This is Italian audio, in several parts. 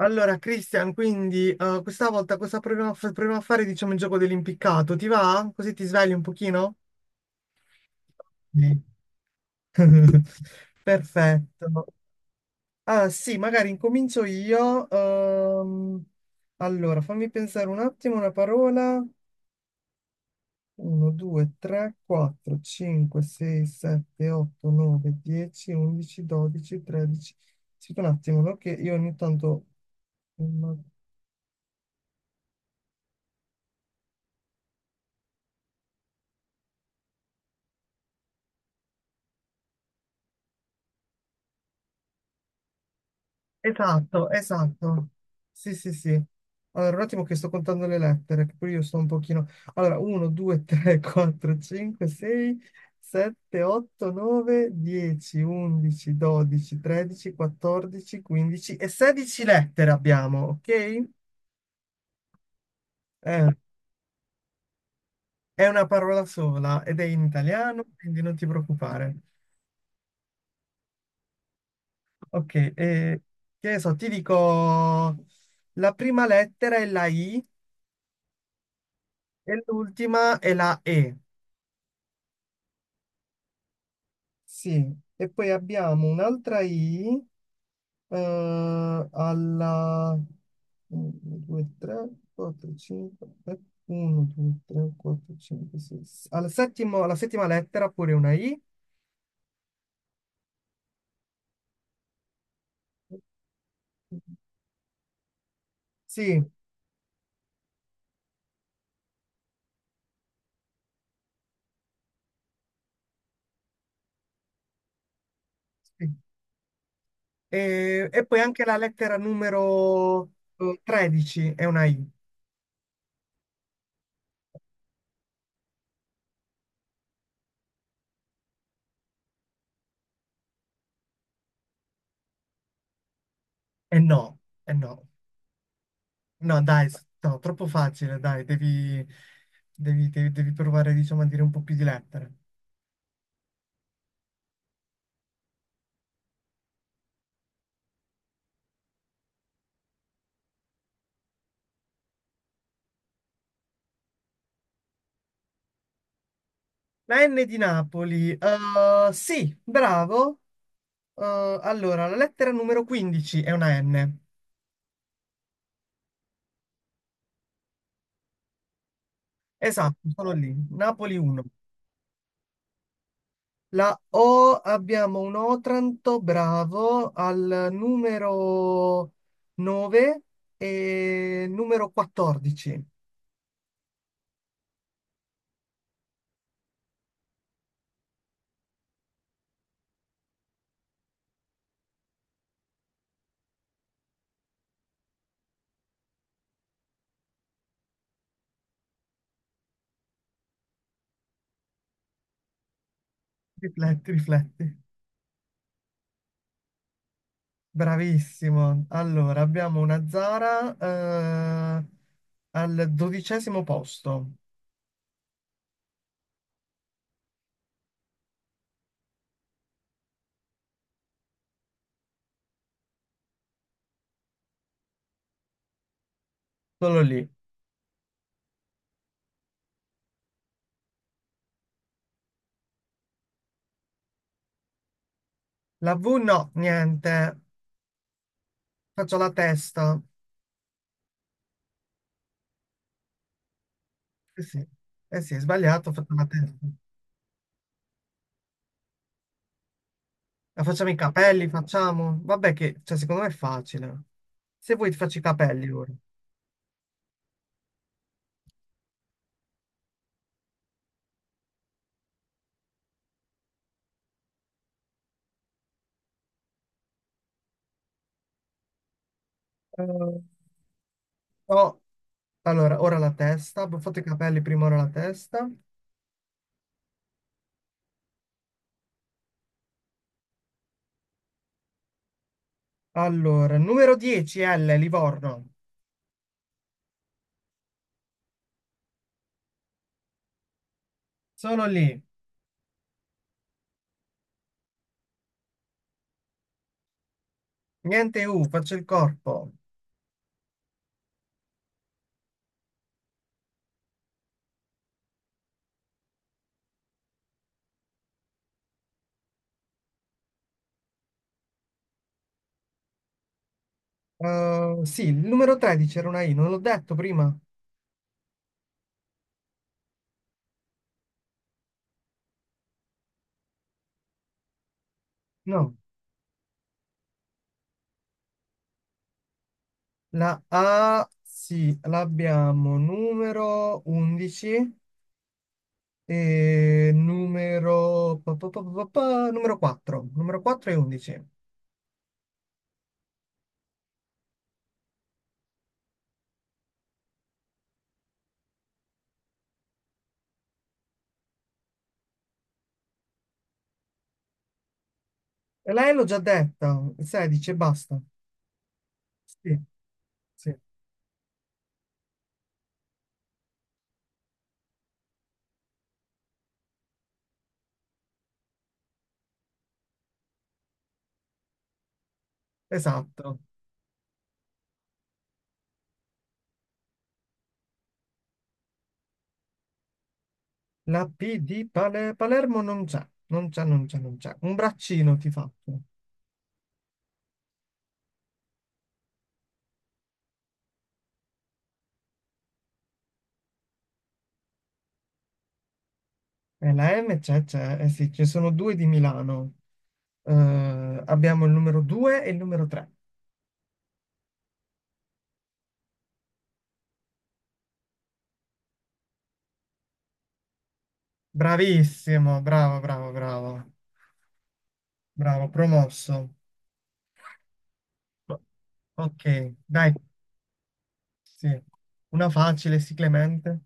Allora, Christian, quindi questa volta cosa proviamo a fare, diciamo, il gioco dell'impiccato? Ti va? Così ti svegli un pochino? Sì. Perfetto. Ah, sì, magari incomincio io. Allora, fammi pensare un attimo una parola. 1, 2, 3, 4, 5, 6, 7, 8, 9, 10, 11, 12, 13. Aspetta un attimo, no? Che io ogni tanto. Esatto, esatto. Sì, sì, sì. Allora, un attimo che sto contando le lettere, che pure io sto un pochino. Allora, 1, 2, 3, 4, 5, 6, 7, 8, 9, 10, 11, 12, 13, 14, 15 e 16 lettere abbiamo, ok? È una parola sola ed è in italiano, quindi non ti preoccupare. Ok, che ne so, ti dico la prima lettera è la I e l'ultima è la E. Sì, e poi abbiamo un'altra I eh, alla 1, 2, 3, 4, 5, 1, 2, 3, 4, 5, 6, alla settima lettera pure una I. Sì, sì. E poi anche la lettera numero 13 è una I. E no, e no, no, dai, no, troppo facile, dai, devi provare, diciamo, a dire un po' più di lettere. La N di Napoli. Sì, bravo. Allora, la lettera numero 15 è una N. Esatto, sono lì. Napoli 1. La O abbiamo un Otranto, bravo, al numero 9 e numero 14. Rifletti, rifletti. Bravissimo. Allora, abbiamo una Zara, eh, al dodicesimo posto. Solo lì. La V no, niente. Faccio la testa. Eh sì, eh sì, è sbagliato, faccio la testa. La facciamo i capelli, facciamo. Vabbè che, cioè, secondo me è facile. Se vuoi ti faccio i capelli ora. Eh, no. Allora, ora la testa. Abbiamo fatto i capelli, prima ora la testa. Allora, numero 10, L, Livorno. Sono lì. Niente U, faccio il corpo. Sì, il numero 13 era una I, non l'ho detto prima. No. La A, sì, l'abbiamo numero 11 e numero, pa, pa, pa, pa, pa, pa, numero 4. Numero 4 e 11. E lei l'ho già detta, 16 e basta. Sì, sì, esatto. La P di Palermo non c'è, non c'è, non c'è, non c'è. Un braccino ti faccio. E la M c'è, c'è, eh sì, ci sono due di Milano. Eh, abbiamo il numero 2 e il numero 3. Bravissimo, bravo, bravo, bravo. Bravo, promosso. Ok, dai, sì. Una facile, sì, Clemente.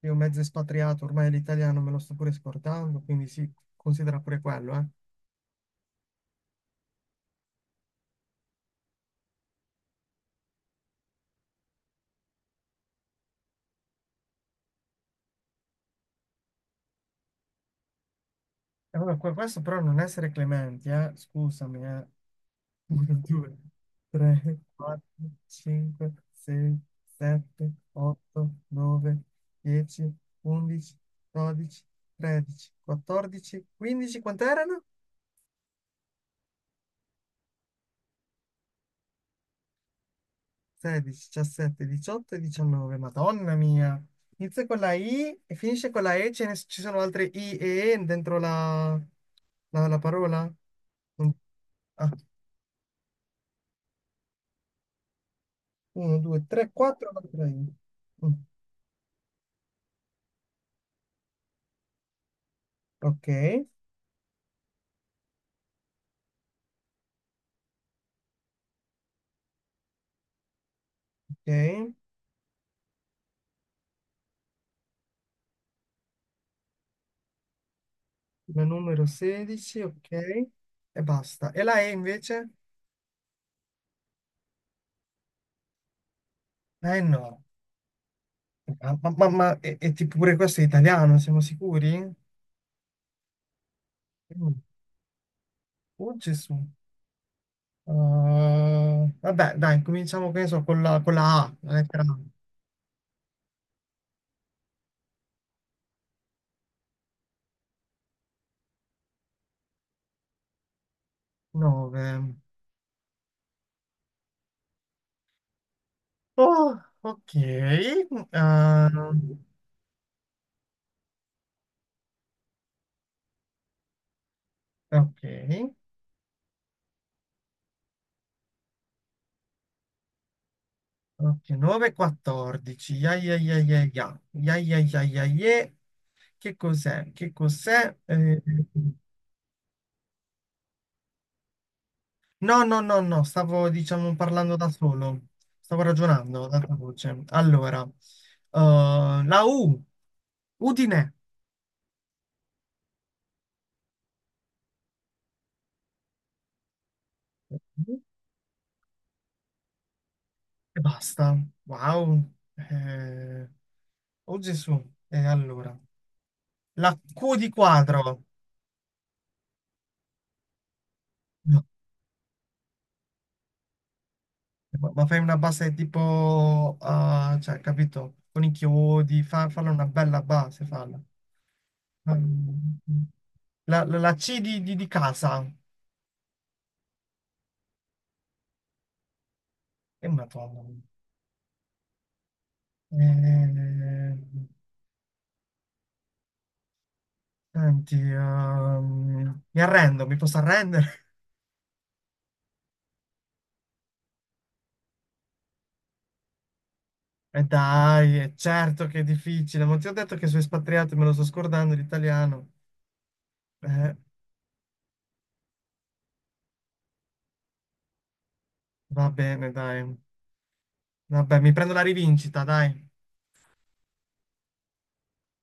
Io mezzo espatriato, ormai l'italiano me lo sto pure scordando, quindi sì, considera pure quello, eh. E vabbè, questo però non essere Clementi, eh. Scusami, eh. Uno, due, tre, quattro, cinque, sei, sette, otto, nove, dieci, undici, dodici, tredici, quattordici, quindici, quant'erano? 16, 17, 18 e 19. Madonna mia. Inizia con la I e finisce con la E. Ci sono altre I e E dentro la parola? Mm. Ah, 1, 2, 3, 4, altra I. Mm. Ok, ok. La numero 16, ok. E basta. E la E invece? La E no. Ma tipo pure questo è italiano, siamo sicuri? Mm. Oh Gesù. Vabbè, dai, cominciamo che ne so, con la A, la lettera A. 9. Oh, ok. Uh, ok. Ok, 9, 14. Ya, ya, ya, ya, ya. Ya, ya, ya, ya, ye. Che cos'è? Che cos'è? No, no, no, no, stavo, diciamo, parlando da solo. Stavo ragionando ad alta voce. Allora, la U. Udine. E basta. Wow. Eh, oh Gesù. E allora, la Q di quadro. No, ma fai una base tipo, ah, cioè, capito? Con i chiodi, falla una bella base, falla. Mm. La C di casa. E madonna. Eh, senti, mi arrendo, mi posso arrendere? E dai, è certo che è difficile, ma ti ho detto che sono espatriato e me lo sto scordando l'italiano. Eh, va bene, dai. Vabbè, mi prendo la rivincita, dai.